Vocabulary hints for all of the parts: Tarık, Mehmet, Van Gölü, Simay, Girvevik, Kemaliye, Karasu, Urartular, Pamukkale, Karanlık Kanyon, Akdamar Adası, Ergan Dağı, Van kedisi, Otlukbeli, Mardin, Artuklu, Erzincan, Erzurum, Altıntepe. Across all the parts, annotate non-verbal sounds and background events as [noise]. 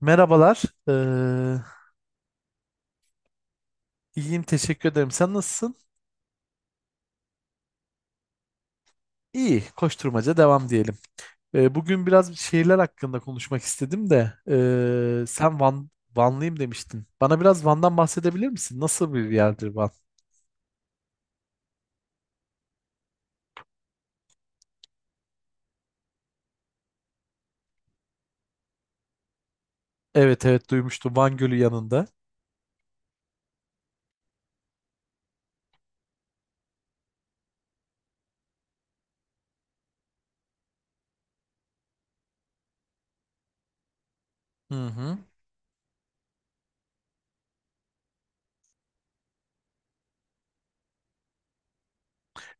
Merhabalar. Ee, iyiyim, teşekkür ederim. Sen nasılsın? İyi, koşturmaca devam diyelim. Bugün biraz şehirler hakkında konuşmak istedim de sen Van, Vanlıyım demiştin. Bana biraz Van'dan bahsedebilir misin? Nasıl bir yerdir Van? Evet evet duymuştum Van Gölü yanında. Hı hı.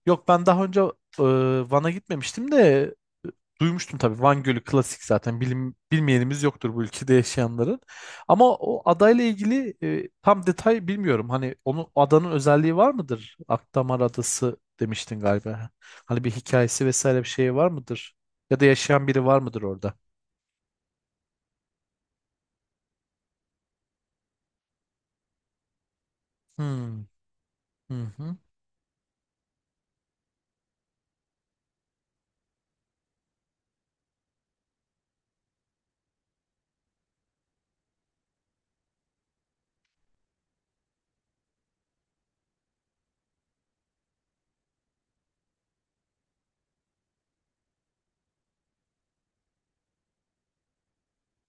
Yok ben daha önce e, Van'a gitmemiştim de e, duymuştum tabii. Van Gölü klasik zaten. Bilmeyenimiz yoktur bu ülkede yaşayanların. Ama o adayla ilgili tam detay bilmiyorum. Hani onun adanın özelliği var mıdır? Akdamar Adası demiştin galiba. Hani bir hikayesi vesaire bir şey var mıdır? Ya da yaşayan biri var mıdır orada? Hmm. Hı hı.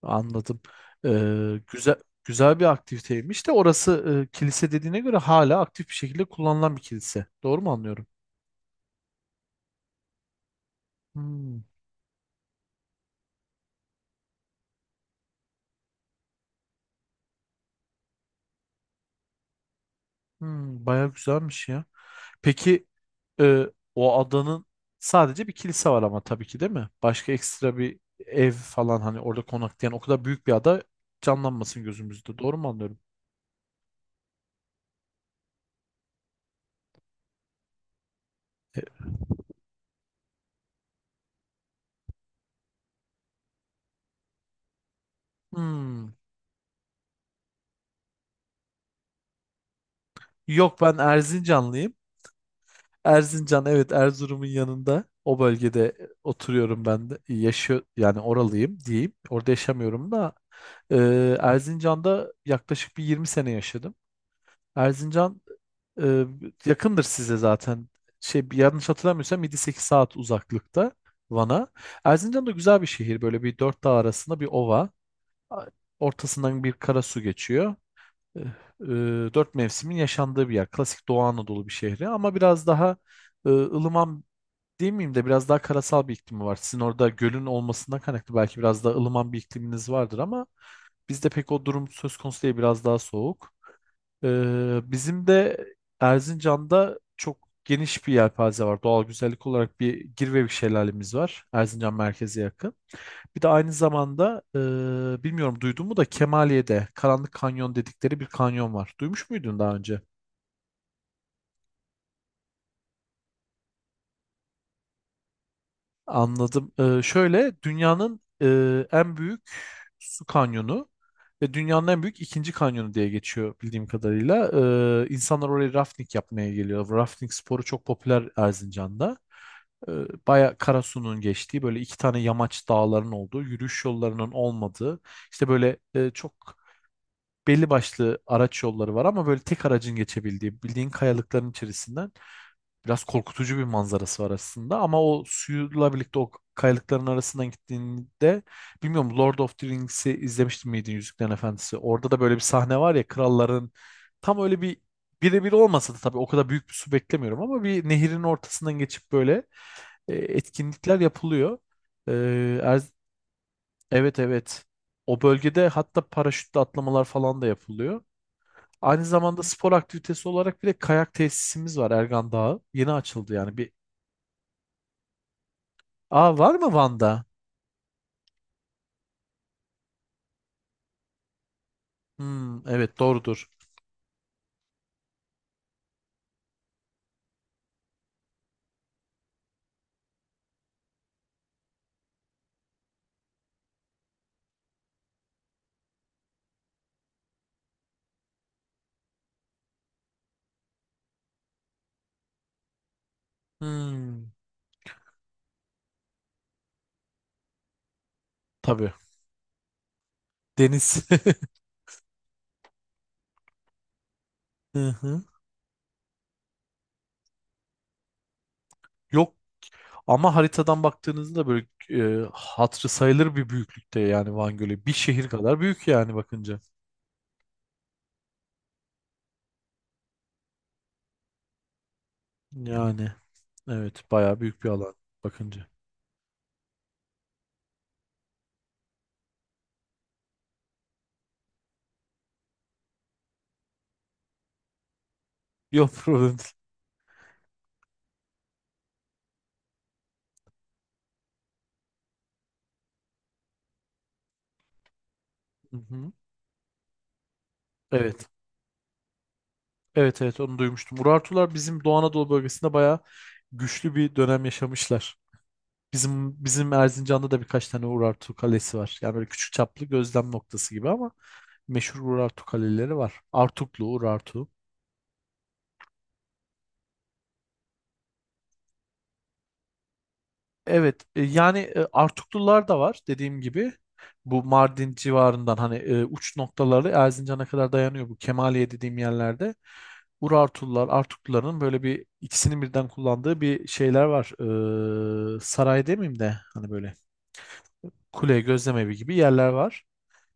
Anladım. Ee, güzel Güzel bir aktiviteymiş de orası, kilise dediğine göre hala aktif bir şekilde kullanılan bir kilise. Doğru mu anlıyorum? Hmm. Hmm, bayağı güzelmiş ya. Peki, e, o adanın sadece bir kilise var ama tabii ki değil mi? Başka ekstra bir ev falan hani orada konaklayan o kadar büyük bir ada canlanmasın gözümüzde. Doğru mu anlıyorum? E, hmm. Yok ben Erzincanlıyım. Erzincan, evet, Erzurum'un yanında o bölgede oturuyorum ben de. Yaşıyor yani oralıyım diyeyim. Orada yaşamıyorum da e, Erzincan'da yaklaşık bir 20 sene yaşadım. Erzincan Ee, yakındır size zaten. Şey, bir yanlış hatırlamıyorsam 7-8 saat uzaklıkta Van'a. Erzincan da güzel bir şehir. Böyle bir dört dağ arasında bir ova. A- Ortasından bir karasu geçiyor. Ee, e, Dört mevsimin yaşandığı bir yer. Klasik Doğu Anadolu bir şehri ama biraz daha ılıman değil miyim de biraz daha karasal bir iklimi var. Sizin orada gölün olmasından kaynaklı belki biraz daha ılıman bir ikliminiz vardır ama bizde pek o durum söz konusu değil, biraz daha soğuk. Bizim de Erzincan'da çok geniş bir yelpaze var. Doğal güzellik olarak bir Girvevik şelalemiz var, Erzincan merkeze yakın. Bir de aynı zamanda bilmiyorum duydun mu da Kemaliye'de Karanlık Kanyon dedikleri bir kanyon var. Duymuş muydun daha önce? Anladım. Şöyle dünyanın en büyük su kanyonu ve dünyanın en büyük ikinci kanyonu diye geçiyor bildiğim kadarıyla. İnsanlar oraya rafting yapmaya geliyor. Rafting sporu çok popüler Erzincan'da. Ee, Baya Karasu'nun geçtiği böyle iki tane yamaç dağların olduğu, yürüyüş yollarının olmadığı, işte böyle çok belli başlı araç yolları var ama böyle tek aracın geçebildiği bildiğin kayalıkların içerisinden. Biraz korkutucu bir manzarası var aslında ama o suyla birlikte o kayalıkların arasından gittiğinde, bilmiyorum Lord of the Rings'i izlemiştin miydin, Yüzüklerin Efendisi? Orada da böyle bir sahne var ya kralların, tam öyle bir birebir olmasa da tabii, o kadar büyük bir su beklemiyorum ama bir nehirin ortasından geçip böyle etkinlikler yapılıyor. E, Erz- evet evet o bölgede hatta paraşütle atlamalar falan da yapılıyor. Aynı zamanda spor aktivitesi olarak bir de kayak tesisimiz var, Ergan Dağı. Yeni açıldı yani bir. Aa, var mı Van'da? Hmm, evet doğrudur. Hmm, tabii. Deniz. [laughs] Hı hı. Yok ama haritadan baktığınızda böyle hatırı sayılır bir büyüklükte yani Van Gölü. Bir şehir kadar büyük yani bakınca. Yani evet bayağı büyük bir alan bakınca. [laughs] Yok, problem değil. Hı hı. Evet. Evet evet onu duymuştum. Urartular bizim Doğu Anadolu bölgesinde bayağı güçlü bir dönem yaşamışlar. Bizim Erzincan'da da birkaç tane Urartu kalesi var. Yani böyle küçük çaplı gözlem noktası gibi ama meşhur Urartu kaleleri var. Artuklu, Urartu. Evet, yani Artuklular da var dediğim gibi. Bu Mardin civarından hani uç noktaları Erzincan'a kadar dayanıyor, bu Kemaliye dediğim yerlerde. Urartular, Artukluların böyle bir ikisinin birden kullandığı bir şeyler var. Saray demeyeyim de hani böyle kule, gözlemevi gibi yerler var.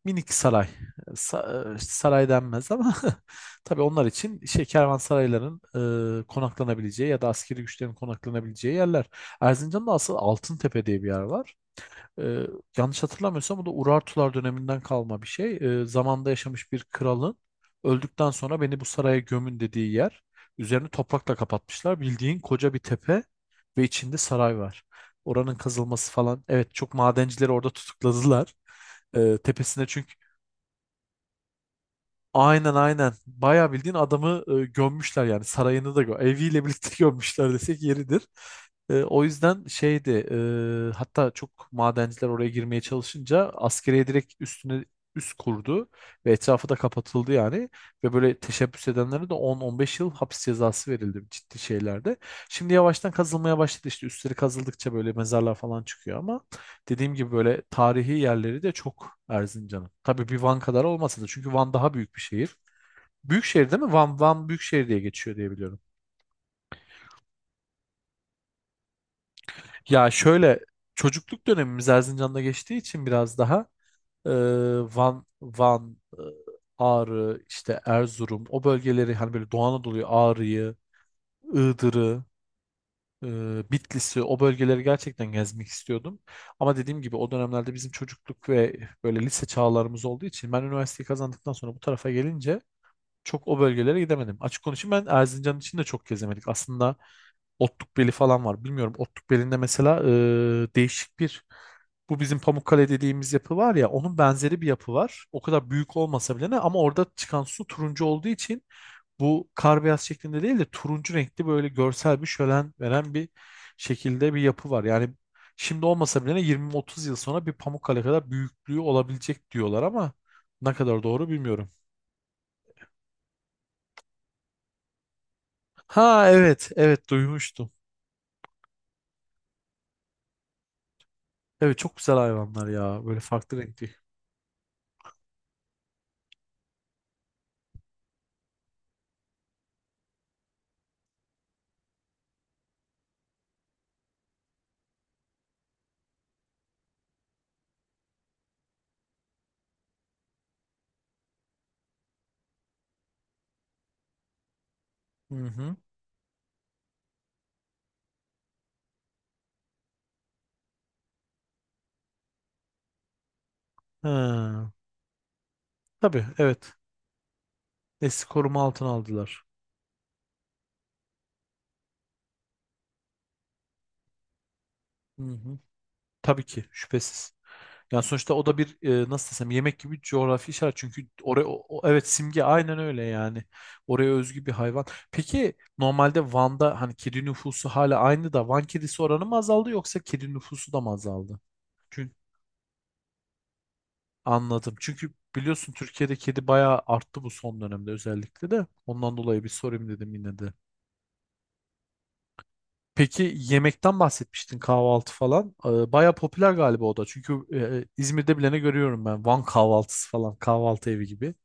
Minik saray. İşte saray denmez ama [laughs] tabii onlar için şey, kervansarayların konaklanabileceği ya da askeri güçlerin konaklanabileceği yerler. Erzincan'da asıl Altıntepe diye bir yer var. E, Yanlış hatırlamıyorsam bu da Urartular döneminden kalma bir şey. Zamanda yaşamış bir kralın öldükten sonra beni bu saraya gömün dediği yer. Üzerini toprakla kapatmışlar. Bildiğin koca bir tepe ve içinde saray var. Oranın kazılması falan. Evet çok madencileri orada tutukladılar. Tepesine çünkü. Aynen aynen. Bayağı bildiğin adamı gömmüşler yani sarayını da eviyle birlikte [laughs] gömmüşler desek yeridir. O yüzden şeydi, hatta çok madenciler oraya girmeye çalışınca askeriye direkt üstüne üst kurdu ve etrafı da kapatıldı yani ve böyle teşebbüs edenlere de 10-15 yıl hapis cezası verildi ciddi şeylerde. Şimdi yavaştan kazılmaya başladı, işte üstleri kazıldıkça böyle mezarlar falan çıkıyor ama dediğim gibi böyle tarihi yerleri de çok Erzincan'ın. Tabii bir Van kadar olmasa da, çünkü Van daha büyük bir şehir. Büyük şehir değil mi? Van büyük şehir diye geçiyor diye biliyorum. Ya şöyle, çocukluk dönemimiz Erzincan'da geçtiği için biraz daha e, Van, Van, e, Ağrı, işte Erzurum, o bölgeleri hani böyle Doğu Anadolu'yu, Ağrı'yı, Iğdır'ı, Bitlis'i, o bölgeleri gerçekten gezmek istiyordum. Ama dediğim gibi o dönemlerde bizim çocukluk ve böyle lise çağlarımız olduğu için ben üniversiteyi kazandıktan sonra bu tarafa gelince çok o bölgelere gidemedim. Açık konuşayım ben Erzincan için de çok gezemedik aslında. Otlukbeli falan var. Bilmiyorum Otlukbeli'nde mesela e, değişik bir bu bizim Pamukkale dediğimiz yapı var ya onun benzeri bir yapı var. O kadar büyük olmasa bile ne, ama orada çıkan su turuncu olduğu için bu kar beyaz şeklinde değil de turuncu renkli, böyle görsel bir şölen veren bir şekilde bir yapı var. Yani şimdi olmasa bile 20-30 yıl sonra bir Pamukkale kadar büyüklüğü olabilecek diyorlar ama ne kadar doğru bilmiyorum. Ha evet evet duymuştum. Evet çok güzel hayvanlar ya, böyle farklı renkli. Hı hı. Ha, tabii evet. Nesli koruma altına aldılar. Hı hı. Tabii ki şüphesiz. Yani sonuçta o da bir, nasıl desem, yemek gibi bir coğrafi işaret. Çünkü oraya evet simge, aynen öyle yani. Oraya özgü bir hayvan. Peki normalde Van'da hani kedi nüfusu hala aynı da Van kedisi oranı mı azaldı, yoksa kedi nüfusu da mı azaldı? Çünkü anladım. Çünkü biliyorsun Türkiye'de kedi bayağı arttı bu son dönemde, özellikle de. Ondan dolayı bir sorayım dedim yine de. Peki yemekten bahsetmiştin, kahvaltı falan. Bayağı popüler galiba o da. Çünkü İzmir'de bilene görüyorum ben. Van kahvaltısı falan, kahvaltı evi gibi.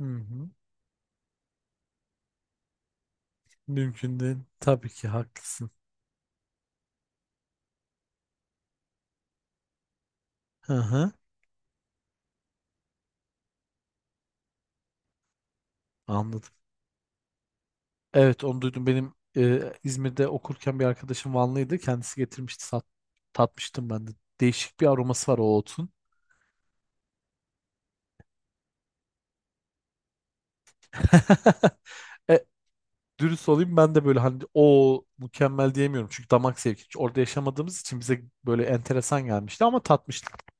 Hı hı. Mümkün değil. Tabii ki haklısın. Hı hı. Anladım. Evet onu duydum. Benim İzmir'de okurken bir arkadaşım Vanlıydı. Kendisi getirmişti. Tatmıştım ben de. Değişik bir aroması var o otun. [laughs] E, Dürüst olayım, ben de böyle hani o mükemmel diyemiyorum. Çünkü damak zevki. Çünkü orada yaşamadığımız için bize böyle enteresan gelmişti ama tatmıştık.